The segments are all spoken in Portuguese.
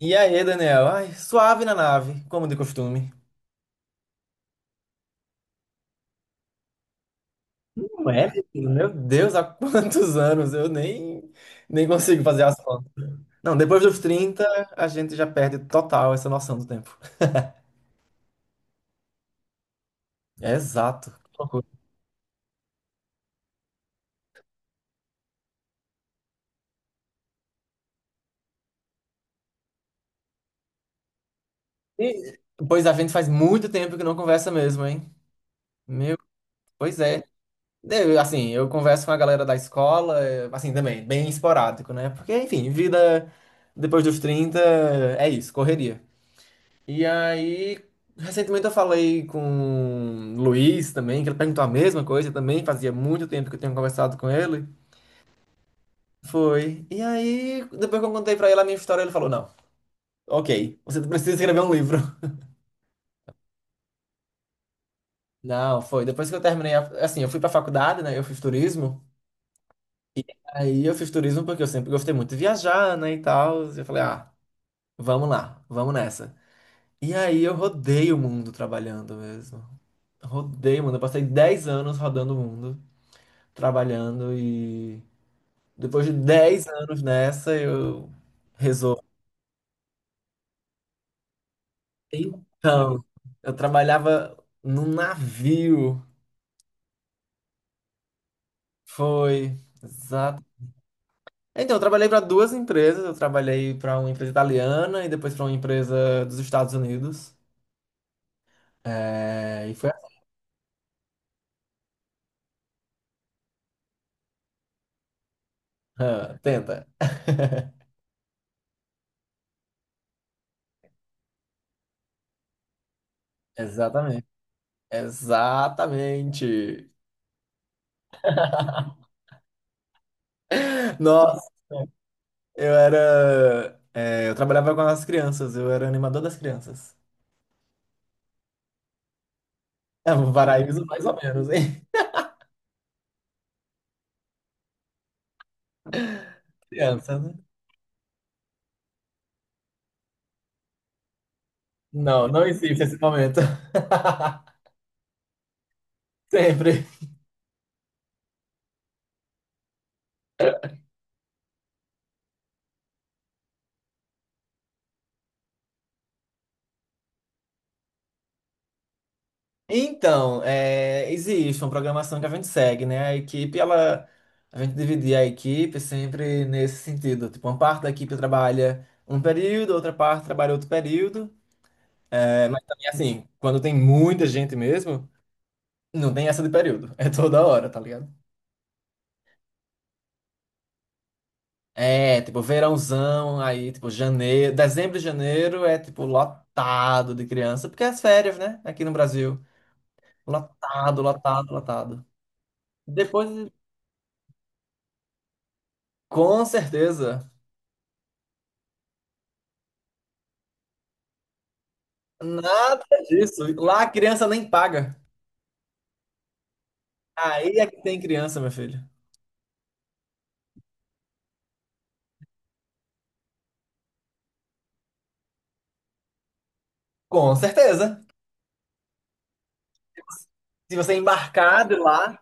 E aí, Daniel? Ai, suave na nave, como de costume. Não é, meu filho? Meu Deus, há quantos anos eu nem consigo fazer as contas. Não, depois dos 30 a gente já perde total essa noção do tempo. Exato. Que loucura. E, pois a gente faz muito tempo que não conversa mesmo, hein? Meu, pois é. Eu, assim, eu converso com a galera da escola, assim, também, bem esporádico, né? Porque, enfim, vida depois dos 30 é isso, correria. E aí, recentemente eu falei com o Luiz também, que ele perguntou a mesma coisa também, fazia muito tempo que eu tinha conversado com ele. Foi. E aí, depois que eu contei pra ele a minha história, ele falou: Não, ok, você precisa escrever um livro. Não, foi. Depois que eu terminei, assim, eu fui pra faculdade, né? Eu fiz turismo. Aí eu fiz turismo porque eu sempre gostei muito de viajar, né? E tal. E eu falei: Ah, vamos lá, vamos nessa. E aí eu rodei o mundo trabalhando mesmo. Rodei o mundo. Eu passei 10 anos rodando o mundo, trabalhando e depois de 10 anos nessa, eu resolvi. Então, eu trabalhava num navio. Foi, exato. Então, eu trabalhei para duas empresas. Eu trabalhei para uma empresa italiana e depois para uma empresa dos Estados Unidos. É, e foi assim. Ah, Tenta. Exatamente. Exatamente. Nossa, eu era. Eu trabalhava com as crianças, eu era animador das crianças. É um paraíso mais ou menos, hein? Criança, né? Não, não existe esse momento. Sempre. Então, é, existe uma programação que a gente segue, né? A equipe, ela, a gente dividia a equipe sempre nesse sentido. Tipo, uma parte da equipe trabalha um período, outra parte trabalha outro período. É, mas também, assim, quando tem muita gente mesmo, não tem essa de período. É toda hora, tá ligado? É, tipo, verãozão, aí, tipo, janeiro, dezembro e janeiro é, tipo, lotado de criança, porque é as férias, né? Aqui no Brasil. Lotado, lotado, lotado. Depois, com certeza, nada disso. Lá a criança nem paga. Aí é que tem criança, meu filho. Com certeza. Se você embarcar de lá,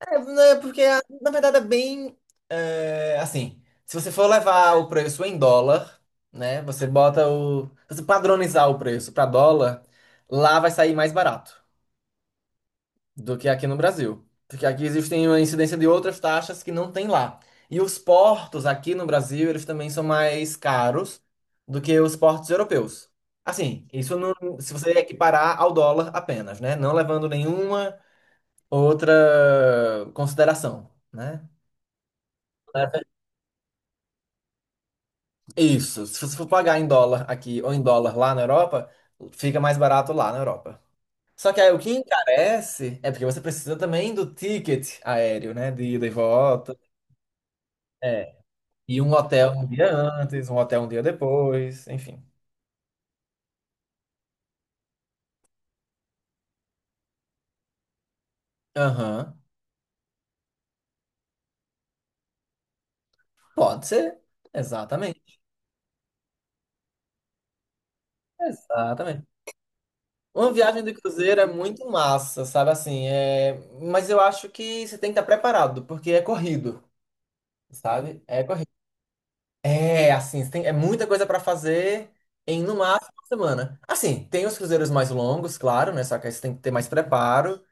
é, né, porque, na verdade, é bem. Assim, se você for levar o preço em dólar, né? Você bota o. Se você padronizar o preço para dólar, lá vai sair mais barato do que aqui no Brasil. Porque aqui existem uma incidência de outras taxas que não tem lá. E os portos aqui no Brasil, eles também são mais caros do que os portos europeus. Assim, isso não, se você equiparar ao dólar apenas, né? Não levando nenhuma outra consideração, né? Isso. Se você for pagar em dólar aqui ou em dólar lá na Europa, fica mais barato lá na Europa. Só que aí o que encarece é porque você precisa também do ticket aéreo, né? De ida e volta. É. E um hotel um dia antes, um hotel um dia depois, enfim. Aham. Pode ser. Exatamente. Exatamente. Uma viagem de cruzeiro é muito massa, sabe assim? É... Mas eu acho que você tem que estar preparado, porque é corrido, sabe? É corrido. É, assim, tem, é muita coisa pra fazer em no máximo uma semana. Assim, tem os cruzeiros mais longos, claro, né? Só que aí você tem que ter mais preparo,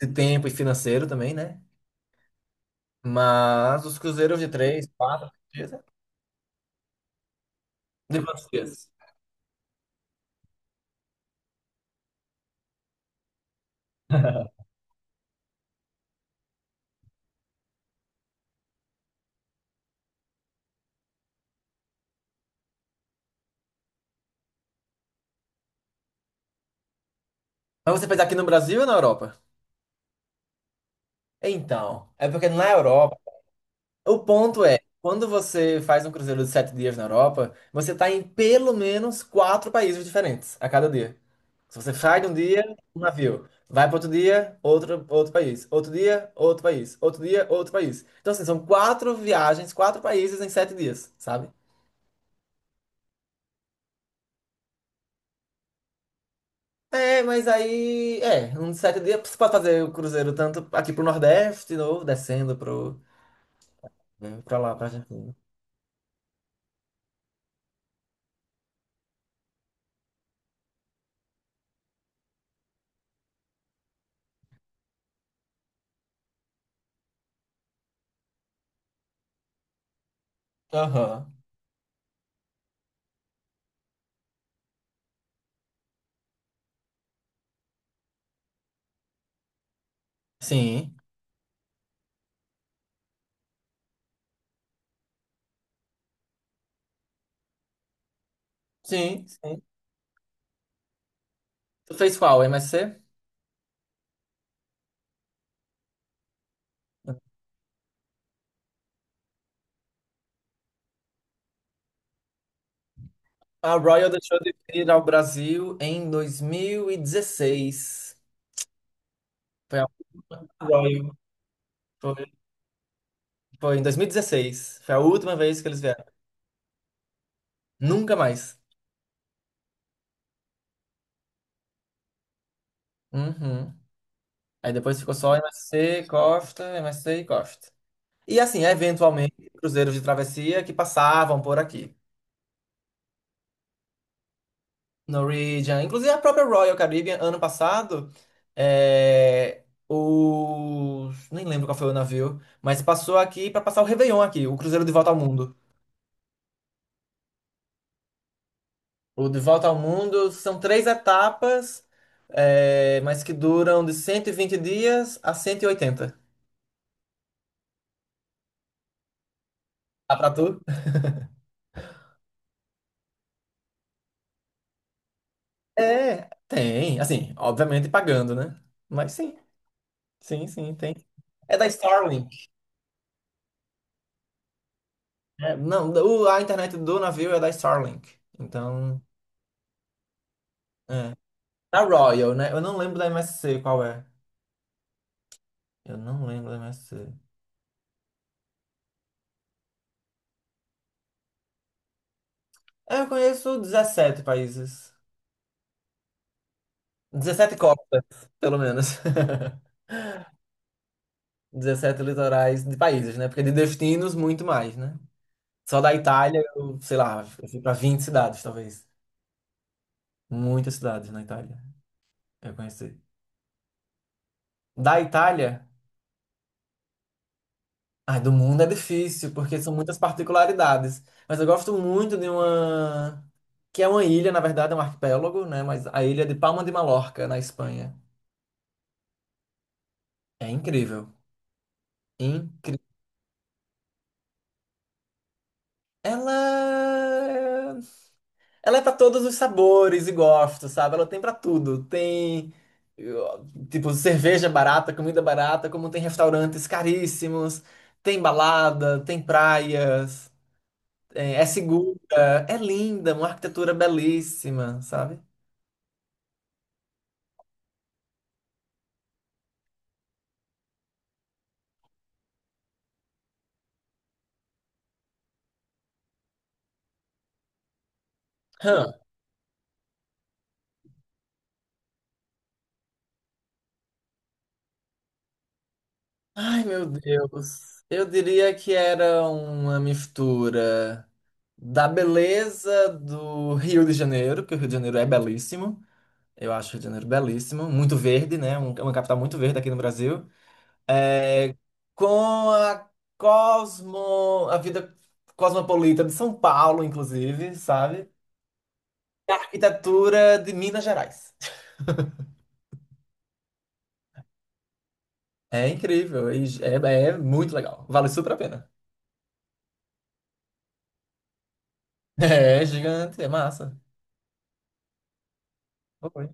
de tempo e financeiro também, né? Mas os cruzeiros de 3, 4 dias, de quantos dias? Mas você fez aqui no Brasil ou na Europa? Então, é porque na Europa. O ponto é, quando você faz um cruzeiro de 7 dias na Europa, você está em pelo menos quatro países diferentes a cada dia. Se você sai de um dia, um navio. Vai para outro dia, outro, outro país. Outro dia, outro país. Outro dia, outro país. Então, assim, são quatro viagens, quatro países em 7 dias, sabe? É, mas aí, é, uns 7 dias você pode fazer o cruzeiro tanto aqui pro Nordeste, de novo, descendo pro, né, pra lá, pra Argentina. Aham. Sim, sim, sim. Tu fez qual, MSC? A Royal deixou de vir ao Brasil em 2016. Foi a Royal. Foi, foi em 2016. Foi a última vez que eles vieram. Nunca mais. Uhum. Aí depois ficou só MSC, Costa, MSC e Costa. E assim, eventualmente, cruzeiros de travessia que passavam por aqui. Norwegian, inclusive a própria Royal Caribbean, ano passado, é, os... nem lembro qual foi o navio, mas passou aqui para passar o Réveillon aqui, o cruzeiro de volta ao mundo. O De Volta ao Mundo são três etapas, é, mas que duram de 120 dias a 180. Dá pra tu? É, tem. Assim, obviamente pagando, né? Mas sim, sim, sim, tem. É da Starlink. Né? não, o- a internet do navio é da Starlink. Então, é. Da Royal, né? Eu não lembro da MSC qual é. Eu não lembro da MSC. É, eu conheço 17 países. 17 copas, pelo menos. 17 litorais de países, né? Porque de destinos, muito mais, né? Só da Itália, eu, sei lá, eu fui pra 20 cidades, talvez. Muitas cidades na Itália, eu conheci. Da Itália, ai, do mundo é difícil, porque são muitas particularidades. Mas eu gosto muito de uma... Que é uma ilha, na verdade, é um arquipélago, né? Mas a ilha de Palma de Mallorca, na Espanha. É incrível. Incrível. Ela... é Ela é pra todos os sabores e gostos, sabe? Ela tem pra tudo. Tem, tipo, cerveja barata, comida barata, como tem restaurantes caríssimos, tem balada, tem praias, é segura, é linda, uma arquitetura belíssima, sabe? Hã. Ai, meu Deus. Eu diria que era uma mistura da beleza do Rio de Janeiro, que o Rio de Janeiro é belíssimo. Eu acho o Rio de Janeiro belíssimo, muito verde, né? É uma capital muito verde aqui no Brasil. É, com a cosmo, a vida cosmopolita de São Paulo, inclusive, sabe? A Arquitetura de Minas Gerais. É incrível, e é muito legal. Vale super a pena. É gigante, é massa. Foi.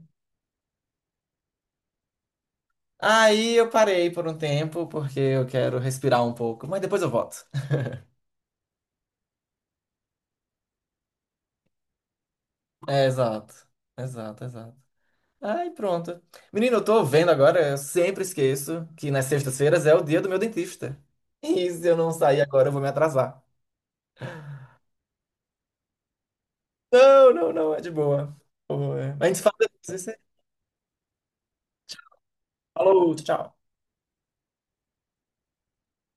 Aí eu parei por um tempo, porque eu quero respirar um pouco, mas depois eu volto. É, exato, exato, exato. Ai, pronto. Menino, eu tô vendo agora, eu sempre esqueço que nas sextas-feiras é o dia do meu dentista. E se eu não sair agora, eu vou me atrasar. Não, não, não, é de boa. Pô, é. A gente fala depois. Falou, tchau.